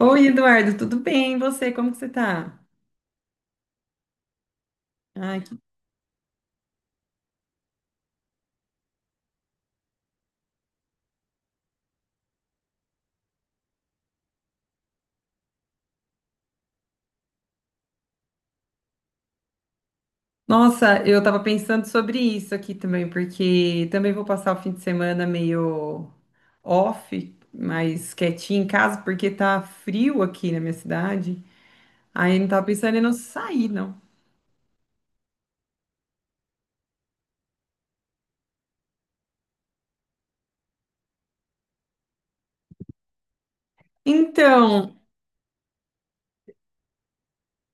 Oi, Eduardo, tudo bem? E você, como que você tá? Ai, que- Nossa, eu tava pensando sobre isso aqui também, porque também vou passar o fim de semana meio off, mais quietinho em casa, porque tá frio aqui na minha cidade. Aí eu não tava pensando em não sair, não. Então,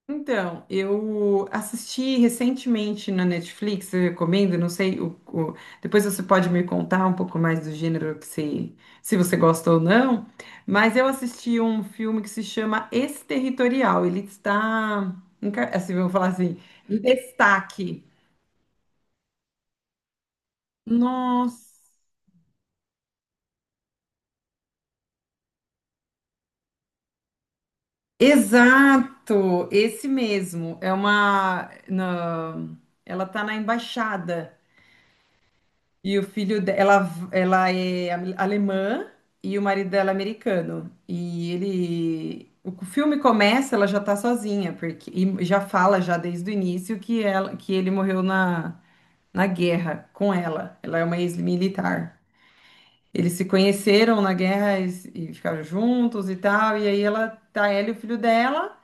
Eu assisti recentemente na Netflix, eu recomendo, não sei, depois você pode me contar um pouco mais do gênero que se você gosta ou não, mas eu assisti um filme que se chama Exterritorial. Ele está, assim, vamos falar assim, em destaque. Nossa, exato, esse mesmo. Ela está na embaixada. E o filho dela, ela é alemã e o marido dela é americano. E ele, o filme começa, ela já tá sozinha, porque e já fala já desde o início que ele morreu na guerra com ela. Ela é uma ex-militar. Eles se conheceram na guerra e, e ficaram juntos e tal. E aí ela e o filho dela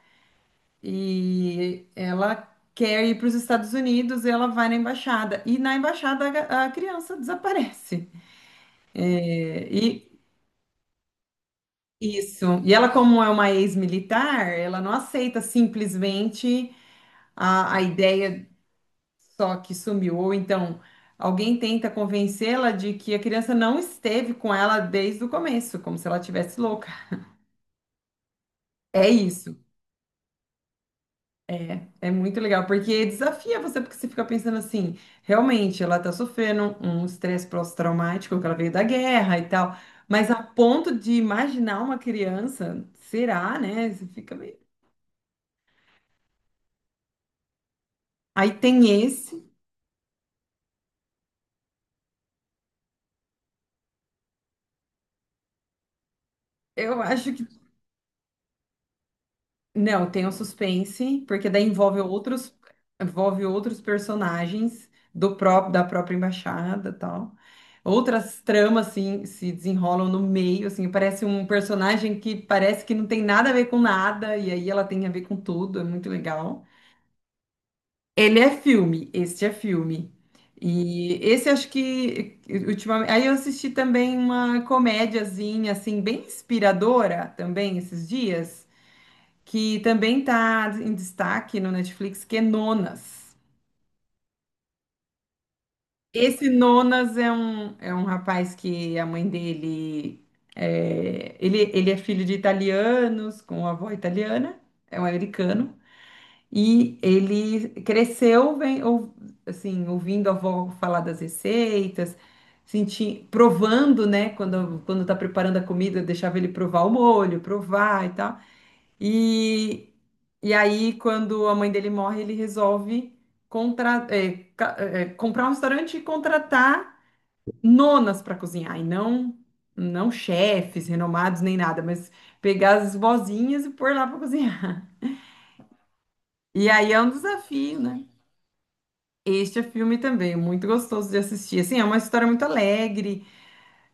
e ela quer ir para os Estados Unidos e ela vai na embaixada. E na embaixada a criança desaparece. E isso. E ela, como é uma ex-militar, ela não aceita simplesmente a ideia só que sumiu. Ou então, alguém tenta convencê-la de que a criança não esteve com ela desde o começo, como se ela tivesse louca. É isso. É muito legal, porque desafia você, porque você fica pensando assim, realmente, ela tá sofrendo um estresse pós-traumático, que ela veio da guerra e tal. Mas a ponto de imaginar uma criança, será, né? Você fica meio. Aí tem esse. Eu acho que não, tem um suspense, porque daí envolve outros, personagens do próprio da própria embaixada, e tal. Outras tramas assim se desenrolam no meio, assim, parece um personagem que parece que não tem nada a ver com nada e aí ela tem a ver com tudo, é muito legal. Ele é filme, este é filme. E esse acho que ultimamente, aí eu assisti também uma comédiazinha assim bem inspiradora também esses dias, que também está em destaque no Netflix, que é Nonas. Esse Nonas é um rapaz que a mãe dele ele é filho de italianos, com avó italiana, é um americano, e ele cresceu assim, ouvindo a avó falar das receitas, provando, né, quando tá preparando a comida, eu deixava ele provar o molho, provar e tal. E, e aí, quando a mãe dele morre, ele resolve comprar um restaurante e contratar nonas para cozinhar, e não, não chefes renomados nem nada, mas pegar as vozinhas e pôr lá para cozinhar. E aí é um desafio, né? Este é filme também, muito gostoso de assistir. Assim, é uma história muito alegre.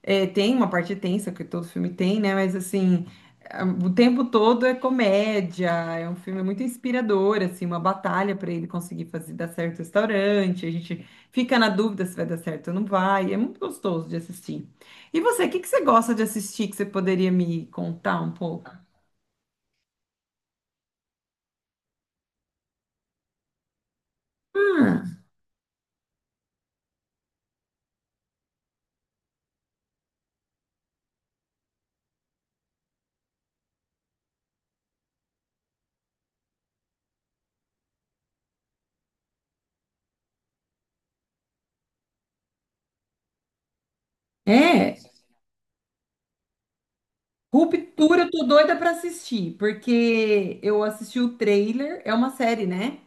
É, tem uma parte tensa, que todo filme tem, né? Mas assim, o tempo todo é comédia, é um filme muito inspirador, assim, uma batalha para ele conseguir fazer dar certo o restaurante. A gente fica na dúvida se vai dar certo ou não vai. É muito gostoso de assistir. E você, o que que você gosta de assistir que você poderia me contar um pouco? Ah, é. Ruptura, eu tô doida pra assistir, porque eu assisti o trailer, é uma série, né?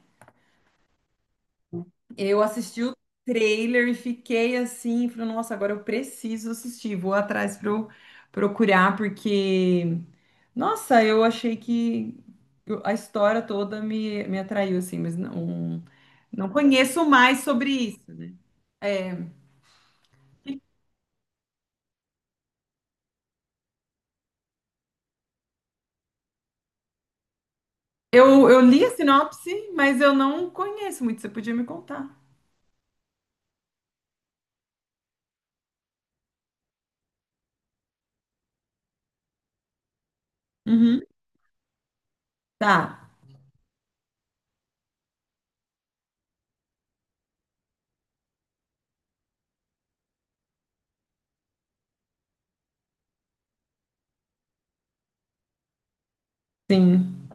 Eu assisti o trailer e fiquei assim, falei, nossa, agora eu preciso assistir, vou atrás para procurar, porque, nossa, eu achei que a história toda me atraiu, assim, mas não, não conheço mais sobre isso, né? Eu li a sinopse, mas eu não conheço muito, você podia me contar. Uhum. Tá, sim,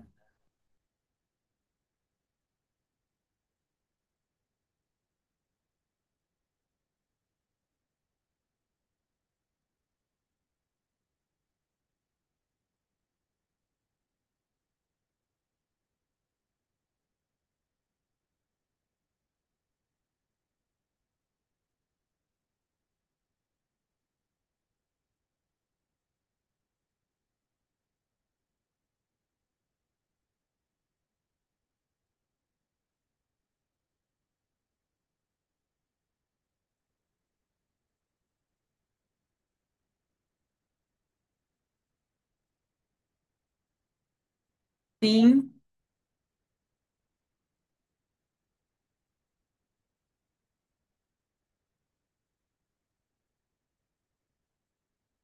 sim,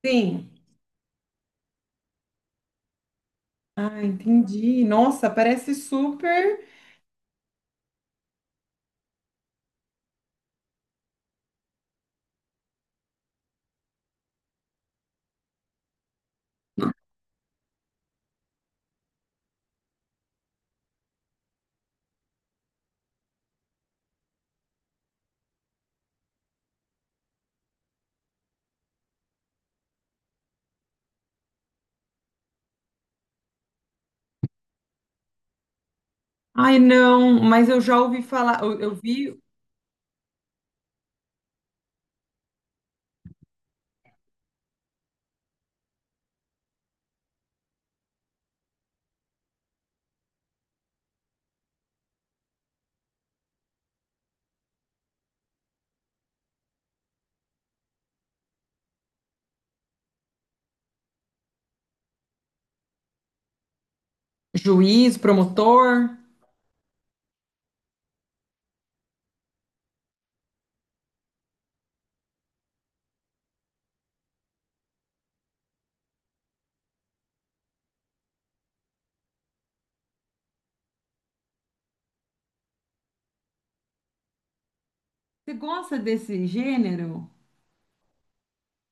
sim. Ah, entendi. Nossa, parece super. Ai, não, mas eu já ouvi falar, eu vi juiz, promotor. Você gosta desse gênero?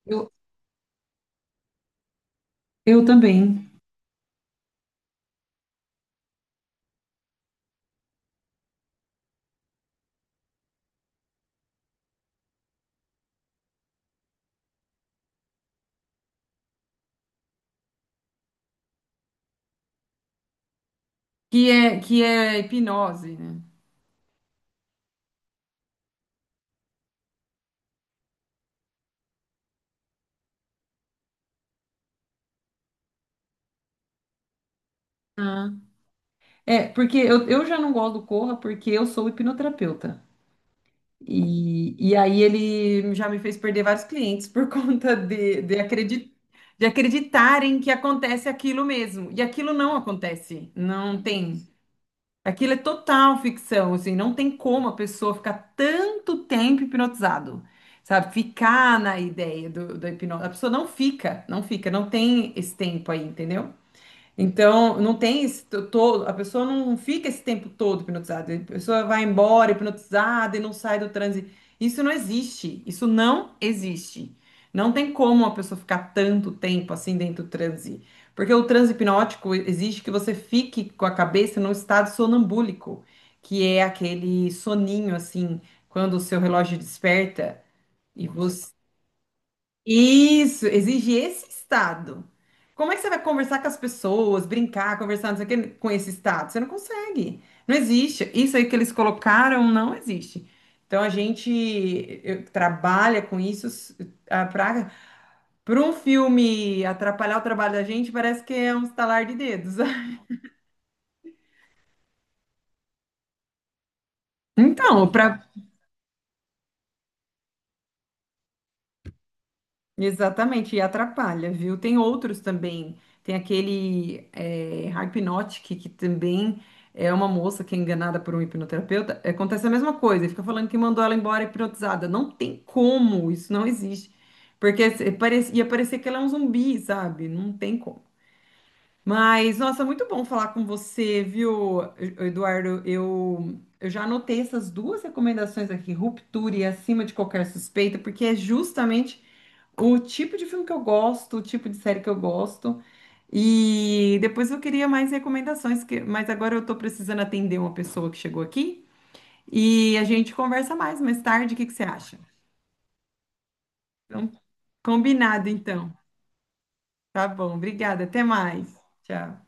Eu, eu também. Que é hipnose, né? Ah. É, porque eu já não gosto do Corra porque eu sou hipnoterapeuta. E aí ele já me fez perder vários clientes por conta de acreditarem que acontece aquilo mesmo. E aquilo não acontece. Não tem. Aquilo é total ficção, assim, não tem como a pessoa ficar tanto tempo hipnotizado, sabe? Ficar na ideia da hipnose. A pessoa não fica, não fica, não tem esse tempo aí, entendeu? Então, não tem esse todo, a pessoa não fica esse tempo todo hipnotizada. A pessoa vai embora hipnotizada e não sai do transe. Isso não existe. Isso não existe. Não tem como a pessoa ficar tanto tempo assim dentro do transe. Porque o transe hipnótico exige que você fique com a cabeça num estado sonambúlico, que é aquele soninho assim, quando o seu relógio desperta e você isso, exige esse estado. Como é que você vai conversar com as pessoas, brincar, conversar, não sei o quê, com esse estado? Você não consegue. Não existe. Isso aí que eles colocaram não existe. Então a gente trabalha com isso para para um filme atrapalhar o trabalho da gente, parece que é um estalar de dedos. Então, para Exatamente, e atrapalha, viu? Tem outros também. Tem aquele Hypnotic, que também é uma moça que é enganada por um hipnoterapeuta. Acontece a mesma coisa, ele fica falando que mandou ela embora hipnotizada. Não tem como, isso não existe. Porque ia parecer que ela é um zumbi, sabe? Não tem como. Mas, nossa, muito bom falar com você, viu, Eduardo? Eu já anotei essas duas recomendações aqui, Ruptura e Acima de Qualquer Suspeita, porque é justamente o tipo de filme que eu gosto, o tipo de série que eu gosto. E depois eu queria mais recomendações, mas agora eu tô precisando atender uma pessoa que chegou aqui e a gente conversa mais tarde. O que que você acha? Então, combinado então. Tá bom, obrigada. Até mais. Tchau.